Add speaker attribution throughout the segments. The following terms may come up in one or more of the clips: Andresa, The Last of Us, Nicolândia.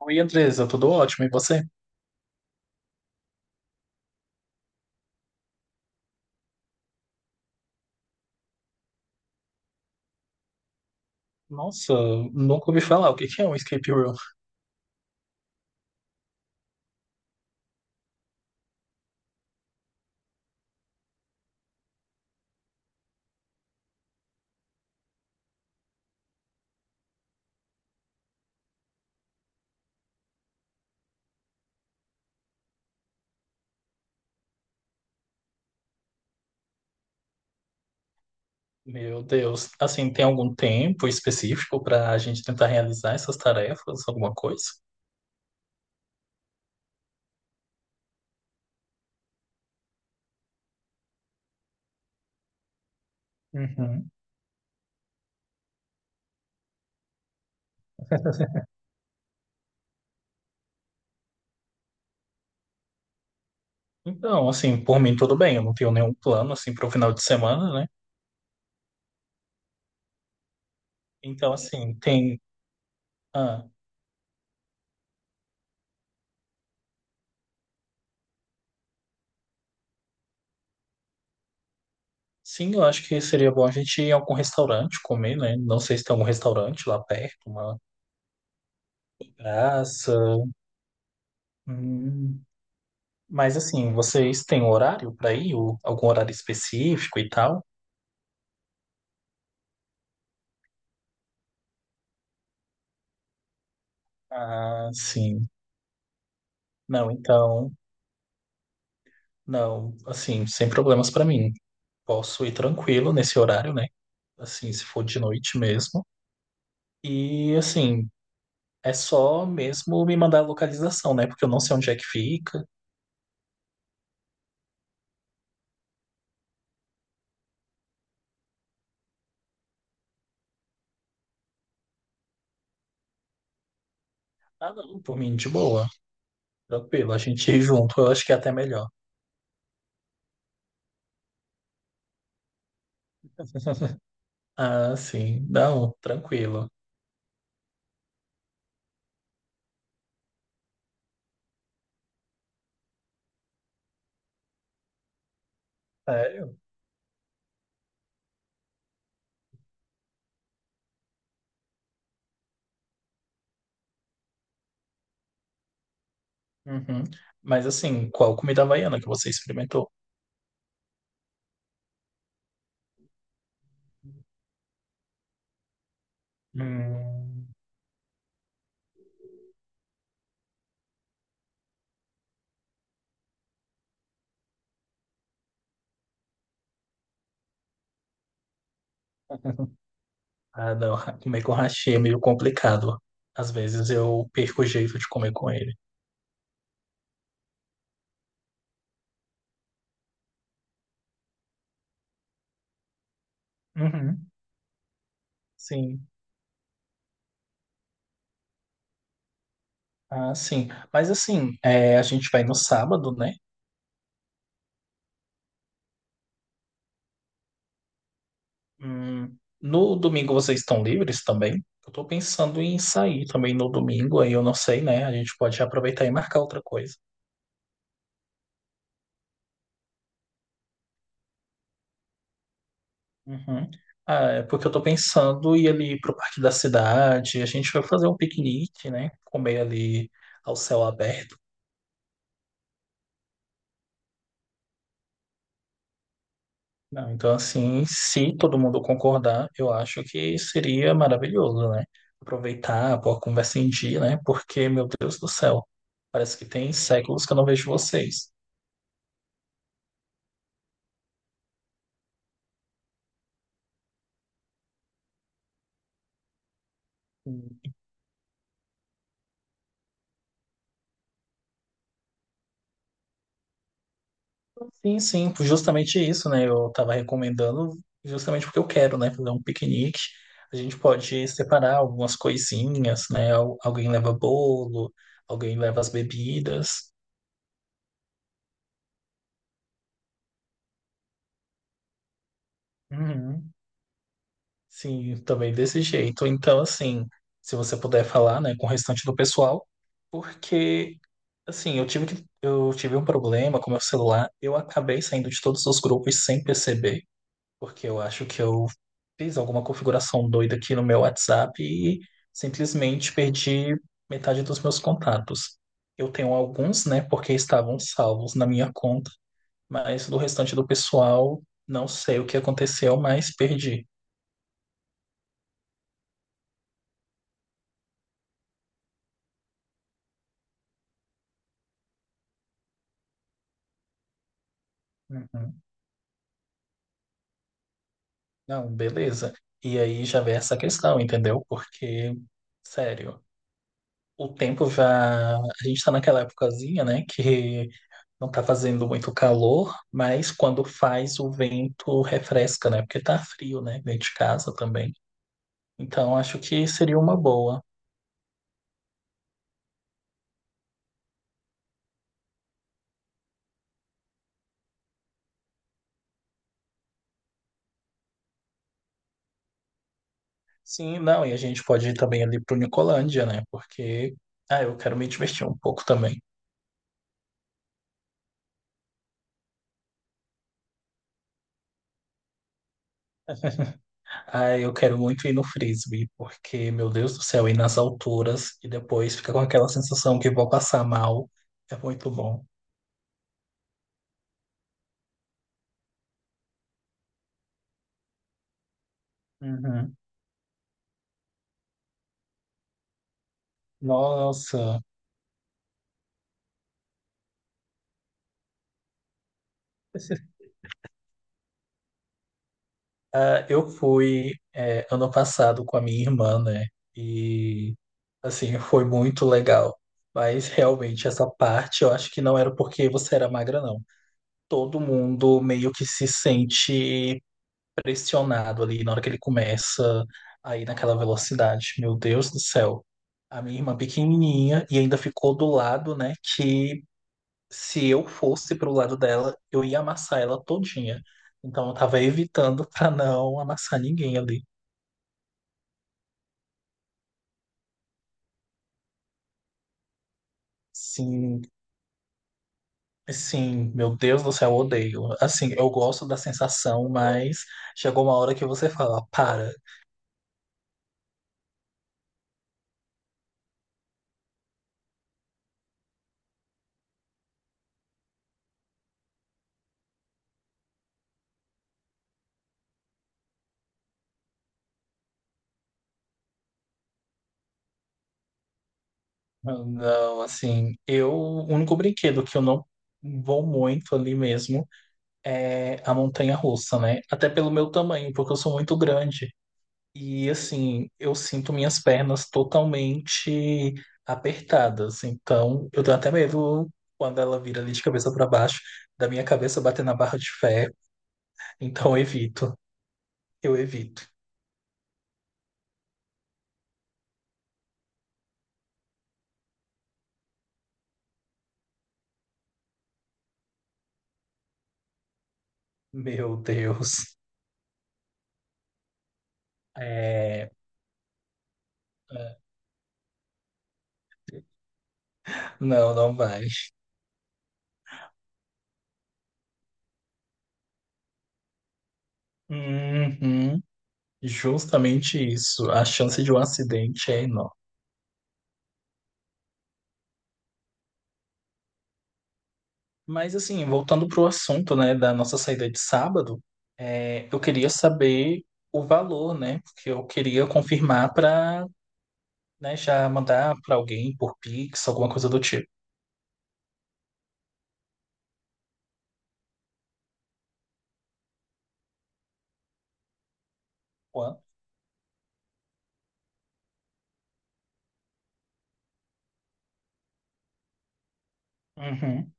Speaker 1: Oi, Andresa, tudo ótimo. E você? Nossa, nunca ouvi falar. O que é um escape room? Meu Deus. Assim, tem algum tempo específico para a gente tentar realizar essas tarefas, alguma coisa? Uhum. Então, assim, por mim tudo bem. Eu não tenho nenhum plano, assim, para o final de semana, né? Então, assim, tem... Ah, sim, eu acho que seria bom a gente ir a algum restaurante comer, né? Não sei se tem algum restaurante lá perto, uma praça... Hum. Mas, assim, vocês têm um horário para ir? Ou algum horário específico e tal? Ah, sim. Não, então, não, assim, sem problemas pra mim. Posso ir tranquilo nesse horário, né? Assim, se for de noite mesmo. E, assim, é só mesmo me mandar a localização, né? Porque eu não sei onde é que fica. Ah, não, por mim, de boa. Tranquilo, a gente ir junto, eu acho que é até melhor. Ah, sim. Não, tranquilo. Sério? Uhum. Mas, assim, qual comida havaiana que você experimentou? Hum. Ah, não. Comer com hashi é meio complicado. Às vezes eu perco o jeito de comer com ele. Uhum. Sim. Ah, sim. Mas assim, é, a gente vai no sábado, né? Hum, no domingo vocês estão livres também? Eu tô pensando em sair também no domingo, aí eu não sei, né? A gente pode aproveitar e marcar outra coisa. Uhum. Ah, é porque eu tô pensando em ir ali pro parque da cidade, a gente vai fazer um piquenique, né? Comer ali ao céu aberto. Não, então, assim, se todo mundo concordar, eu acho que seria maravilhoso, né? Aproveitar, pôr a conversa em dia, né? Porque, meu Deus do céu, parece que tem séculos que eu não vejo vocês. Sim, sim, justamente isso, né? Eu estava recomendando justamente porque eu quero, né? Fazer um piquenique. A gente pode separar algumas coisinhas, né? Alguém leva bolo, alguém leva as bebidas. Uhum. Sim, também desse jeito. Então, assim, se você puder falar, né, com o restante do pessoal, porque, assim, eu tive um problema com meu celular, eu acabei saindo de todos os grupos sem perceber, porque eu acho que eu fiz alguma configuração doida aqui no meu WhatsApp e simplesmente perdi metade dos meus contatos. Eu tenho alguns, né, porque estavam salvos na minha conta, mas do restante do pessoal, não sei o que aconteceu, mas perdi. Uhum. Não, beleza. E aí já vem essa questão, entendeu? Porque, sério, o tempo já. A gente tá naquela épocazinha, né? Que não tá fazendo muito calor, mas quando faz o vento refresca, né? Porque tá frio, né? Dentro de casa também. Então acho que seria uma boa. Sim, não, e a gente pode ir também ali pro Nicolândia, né? Porque, ah, eu quero me divertir um pouco também. Ah, eu quero muito ir no frisbee, porque, meu Deus do céu, ir nas alturas e depois fica com aquela sensação que vou passar mal. É muito bom. Uhum. Nossa. Ah, eu fui, é, ano passado com a minha irmã, né? E, assim, foi muito legal. Mas, realmente, essa parte eu acho que não era porque você era magra, não. Todo mundo meio que se sente pressionado ali na hora que ele começa aí naquela velocidade. Meu Deus do céu. A minha irmã pequenininha e ainda ficou do lado, né, que se eu fosse pro lado dela, eu ia amassar ela todinha. Então eu tava evitando pra não amassar ninguém ali. Sim, sim, meu Deus do céu, eu odeio. Assim, eu gosto da sensação, mas chegou uma hora que você fala, para. Não, assim, eu, o único brinquedo que eu não vou muito ali mesmo é a montanha russa, né? Até pelo meu tamanho, porque eu sou muito grande. E assim, eu sinto minhas pernas totalmente apertadas. Então, eu tenho até medo quando ela vira ali de cabeça para baixo, da minha cabeça bater na barra de ferro. Então, eu evito. Eu evito. Meu Deus. É, é. Não, não vai. Uhum, justamente isso. A chance de um acidente é enorme. Mas assim, voltando para o assunto, né, da nossa saída de sábado, é, eu queria saber o valor, né, porque eu queria confirmar para, né, já mandar para alguém por Pix, alguma coisa do tipo. Ué? Uhum.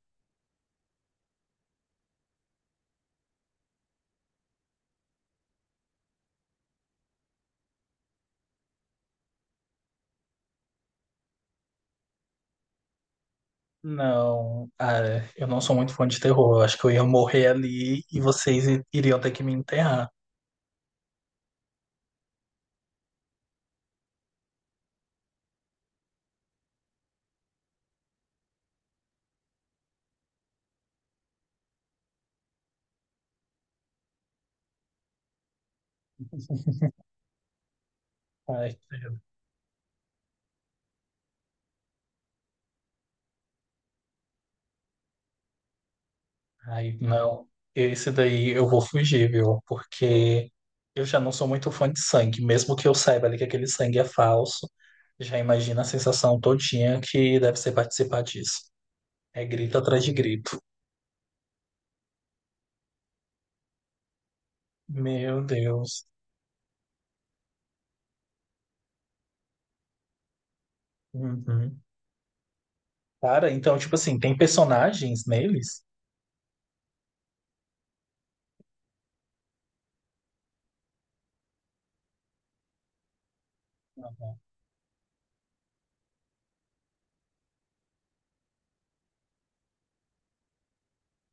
Speaker 1: Não, ah, eu não sou muito fã de terror. Eu acho que eu ia morrer ali e vocês iriam ter que me enterrar. Ai, ai, não. Esse daí eu vou fugir, viu? Porque eu já não sou muito fã de sangue. Mesmo que eu saiba ali que aquele sangue é falso, já imagina a sensação todinha que deve ser participar disso. É grito atrás de grito. Meu Deus. Uhum. Cara, então, tipo assim, tem personagens neles?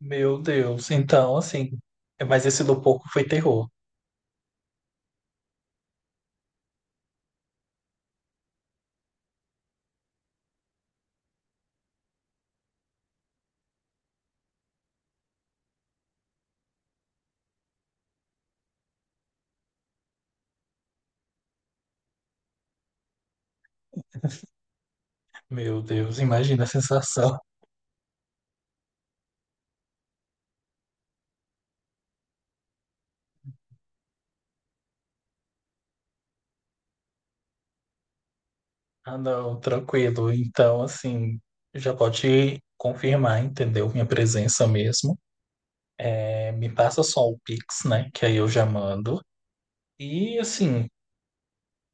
Speaker 1: Meu Deus. Então, assim, mas esse do porco foi terror. Meu Deus, imagina a sensação. Ah, não, tranquilo. Então, assim, já pode confirmar, entendeu? Minha presença mesmo. É, me passa só o Pix, né? Que aí eu já mando. E, assim,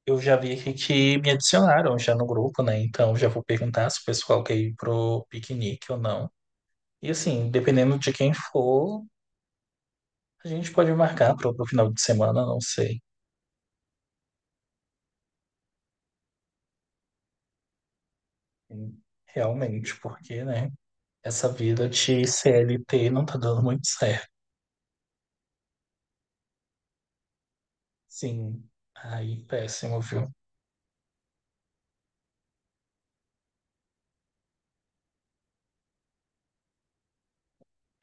Speaker 1: eu já vi aqui que me adicionaram já no grupo, né? Então, já vou perguntar se o pessoal quer ir pro piquenique ou não. E, assim, dependendo de quem for, a gente pode marcar pro final de semana, não sei. Realmente, porque, né? Essa vida de CLT não tá dando muito certo. Sim. Aí, péssimo, viu?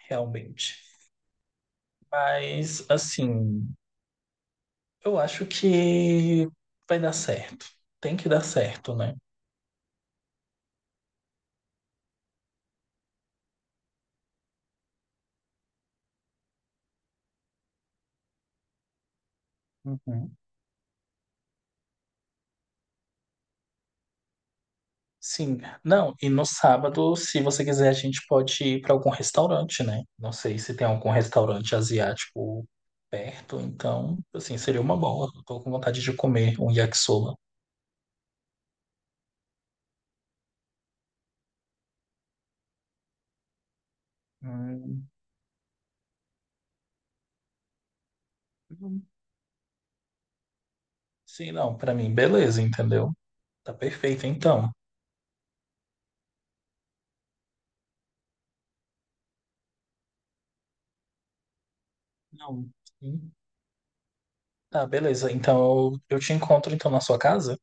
Speaker 1: Realmente. Mas, assim, eu acho que vai dar certo. Tem que dar certo, né? Uhum. Sim. Não, e no sábado, se você quiser, a gente pode ir para algum restaurante, né? Não sei se tem algum restaurante asiático perto, então, assim, seria uma boa. Eu tô com vontade de comer um yakisoba. Hum, uhum. Sim, não, para mim, beleza, entendeu? Tá perfeito, então. Não. Sim. Tá, beleza. Então, eu te encontro então na sua casa?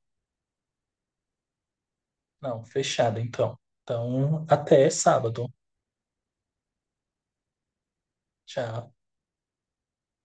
Speaker 1: Não, fechado então. Então, até sábado. Tchau.